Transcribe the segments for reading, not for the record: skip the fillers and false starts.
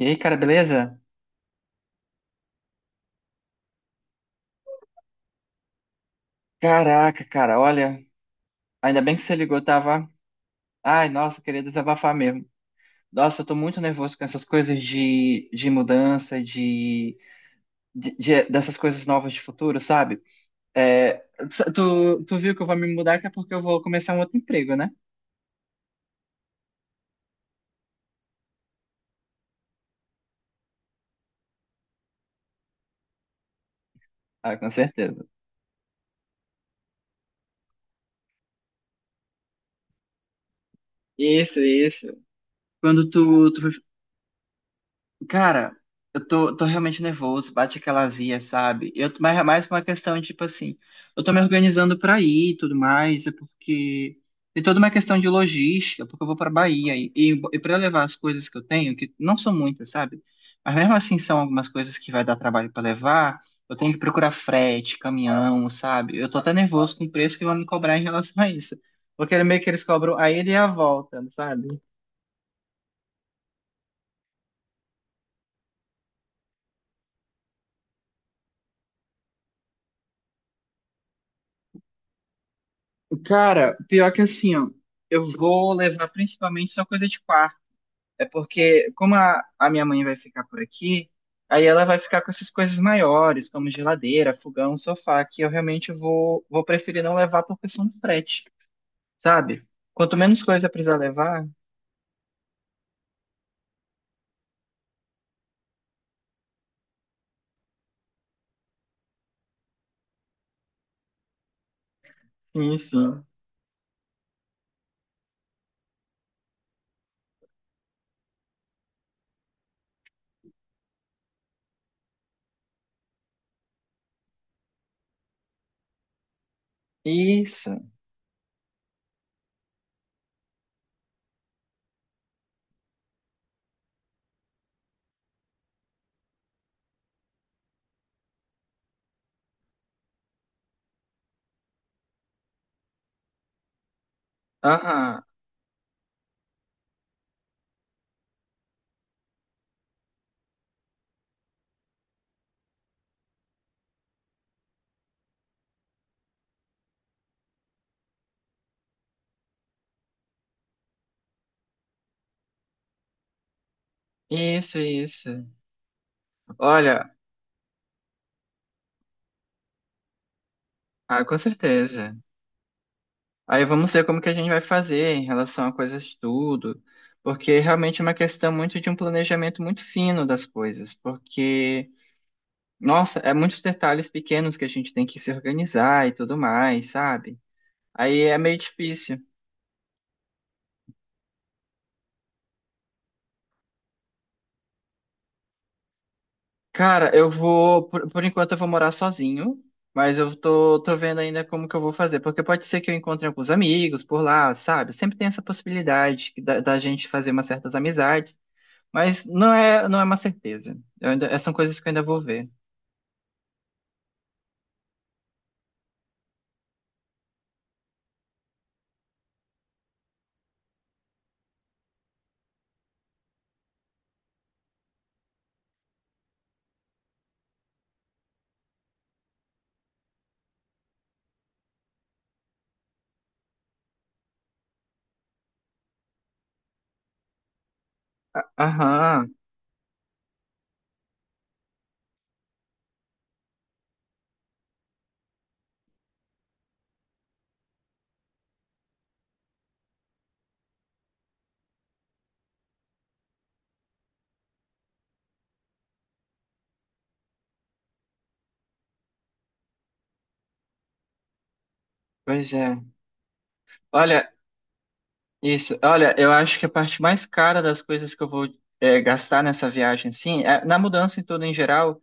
E aí, cara, beleza? Caraca, cara, olha, ainda bem que você ligou, tava. Ai, nossa, eu queria desabafar mesmo. Nossa, eu tô muito nervoso com essas coisas de, mudança, de, dessas coisas novas de futuro, sabe? É, tu viu que eu vou me mudar que é porque eu vou começar um outro emprego, né? Ah, com certeza. Isso, isso. Quando tu Cara, eu tô realmente nervoso, bate aquela azia, sabe? Eu, mas é mais uma questão, tipo assim, eu tô me organizando pra ir e tudo mais, é porque tem toda uma questão de logística, porque eu vou pra Bahia e para levar as coisas que eu tenho, que não são muitas, sabe? Mas mesmo assim são algumas coisas que vai dar trabalho pra levar, eu tenho que procurar frete, caminhão, sabe? Eu tô até nervoso com o preço que vão me cobrar em relação a isso. Porque é meio que eles cobram a ida e a volta, sabe? Cara, pior que assim, ó, eu vou levar principalmente só coisa de quarto. É porque, como a minha mãe vai ficar por aqui, aí ela vai ficar com essas coisas maiores, como geladeira, fogão, sofá, que eu realmente vou preferir não levar por questão do frete, sabe? Quanto menos coisa precisar levar. Sim, sim. Isso. Aham. Isso, isso. Olha, ah, com certeza. Aí vamos ver como que a gente vai fazer em relação a coisas de tudo, porque realmente é uma questão muito de um planejamento muito fino das coisas, porque, nossa, é muitos detalhes pequenos que a gente tem que se organizar e tudo mais, sabe? Aí é meio difícil. Cara, eu vou, por enquanto eu vou morar sozinho, mas eu tô vendo ainda como que eu vou fazer, porque pode ser que eu encontre alguns amigos por lá, sabe? Sempre tem essa possibilidade que da, da gente fazer umas certas amizades. Mas não é uma certeza. Eu ainda, essas são coisas que eu ainda vou ver. Aham, pois é. Olha, isso. Olha, eu acho que a parte mais cara das coisas que eu vou é, gastar nessa viagem, sim, é- na mudança em todo em geral,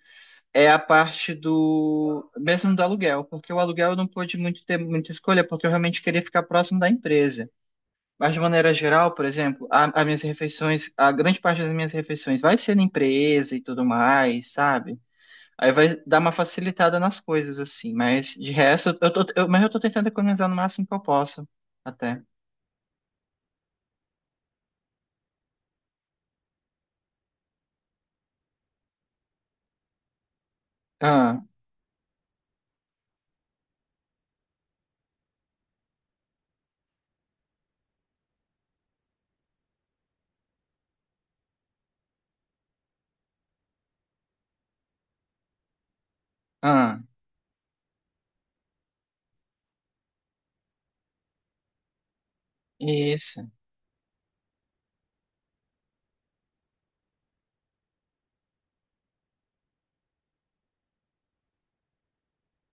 é a parte do, mesmo do aluguel, porque o aluguel eu não pude muito ter muita escolha, porque eu realmente queria ficar próximo da empresa. Mas de maneira geral, por exemplo, a- as minhas refeições, a grande parte das minhas refeições vai ser na empresa e tudo mais, sabe? Aí vai dar uma facilitada nas coisas, assim. Mas de resto, eu tô, eu- mas eu tô tentando economizar no máximo que eu posso, até. Ah, ah, isso.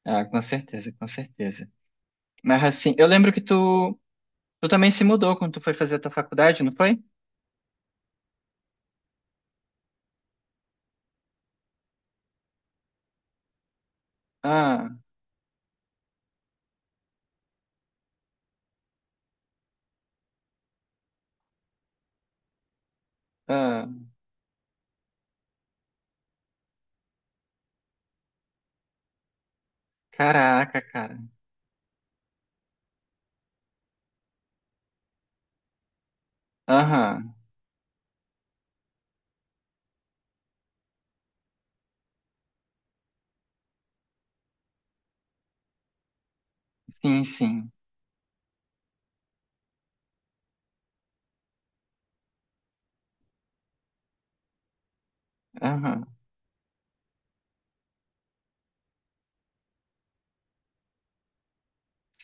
Ah, com certeza, com certeza. Mas assim, eu lembro que tu, tu também se mudou quando tu foi fazer a tua faculdade, não foi? Ah, ah. Caraca, cara. Aham, sim, sim. Aham,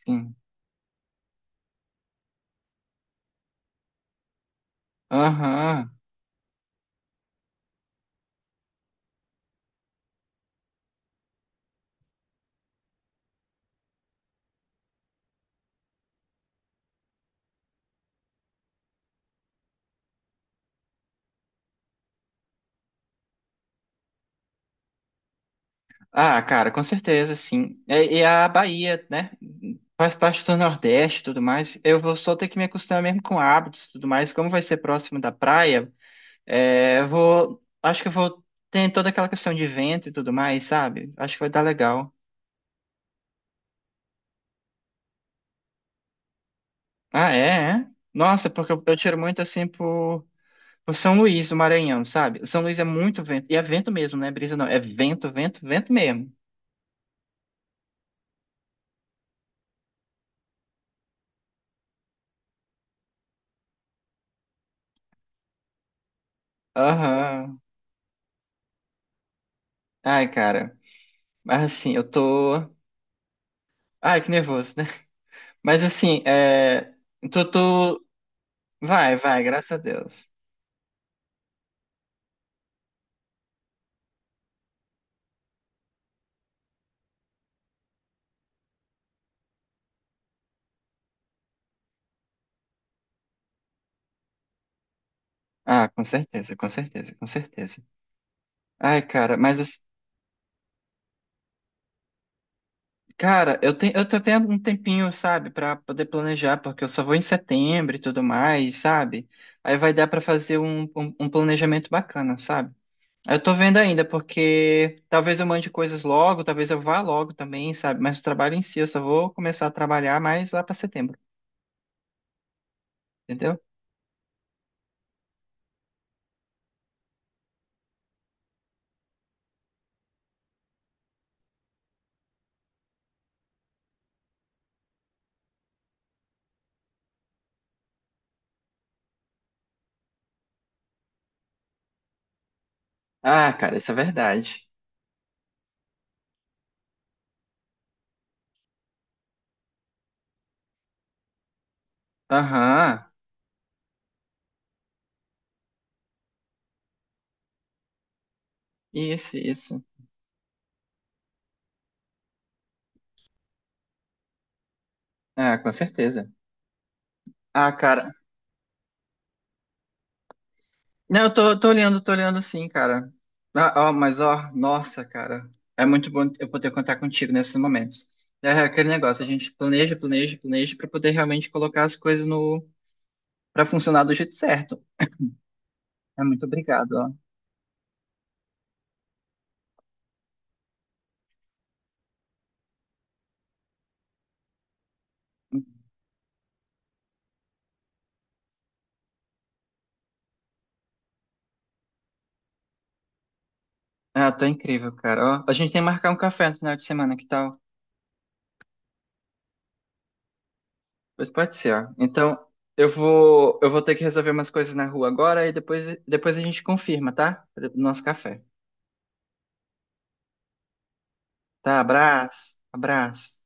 sim. Aham. Ah, cara, com certeza, sim. E a Bahia, né? Faz parte do Nordeste e tudo mais. Eu vou só ter que me acostumar mesmo com hábitos e tudo mais. Como vai ser próximo da praia, é, eu vou. Acho que eu vou. Tem toda aquela questão de vento e tudo mais, sabe? Acho que vai dar legal. Ah, é? É? Nossa, porque eu tiro muito assim por São Luís, do Maranhão, sabe? São Luís é muito vento. E é vento mesmo, não é brisa, não. É vento, vento, vento mesmo. Aham. Ai, cara. Mas assim, eu tô. Ai, que nervoso, né? Mas assim, é, tu, tu... Vai, vai, graças a Deus. Ah, com certeza, com certeza, com certeza. Ai, cara, mas, assim, cara, eu tenho, eu tô tendo um tempinho, sabe, pra poder planejar, porque eu só vou em setembro e tudo mais, sabe? Aí vai dar pra fazer um planejamento bacana, sabe? Aí eu tô vendo ainda, porque talvez eu mande coisas logo, talvez eu vá logo também, sabe? Mas o trabalho em si, eu só vou começar a trabalhar mais lá pra setembro, entendeu? Ah, cara, isso é verdade. Aham. Isso, isso. É, com certeza. Ah, cara. Não, eu tô olhando, tô olhando sim, cara. Ah, ó, mas ó, nossa, cara. É muito bom eu poder contar contigo nesses momentos. É é aquele negócio, a gente planeja, planeja, planeja pra poder realmente colocar as coisas no para funcionar do jeito certo. É, muito obrigado, ó. Ah, tô incrível, cara. Ó, a gente tem que marcar um café no final de semana, que tal? Pois pode ser, ó. Então, eu vou ter que resolver umas coisas na rua agora e depois a gente confirma, tá? Do nosso café. Tá, abraço, abraço.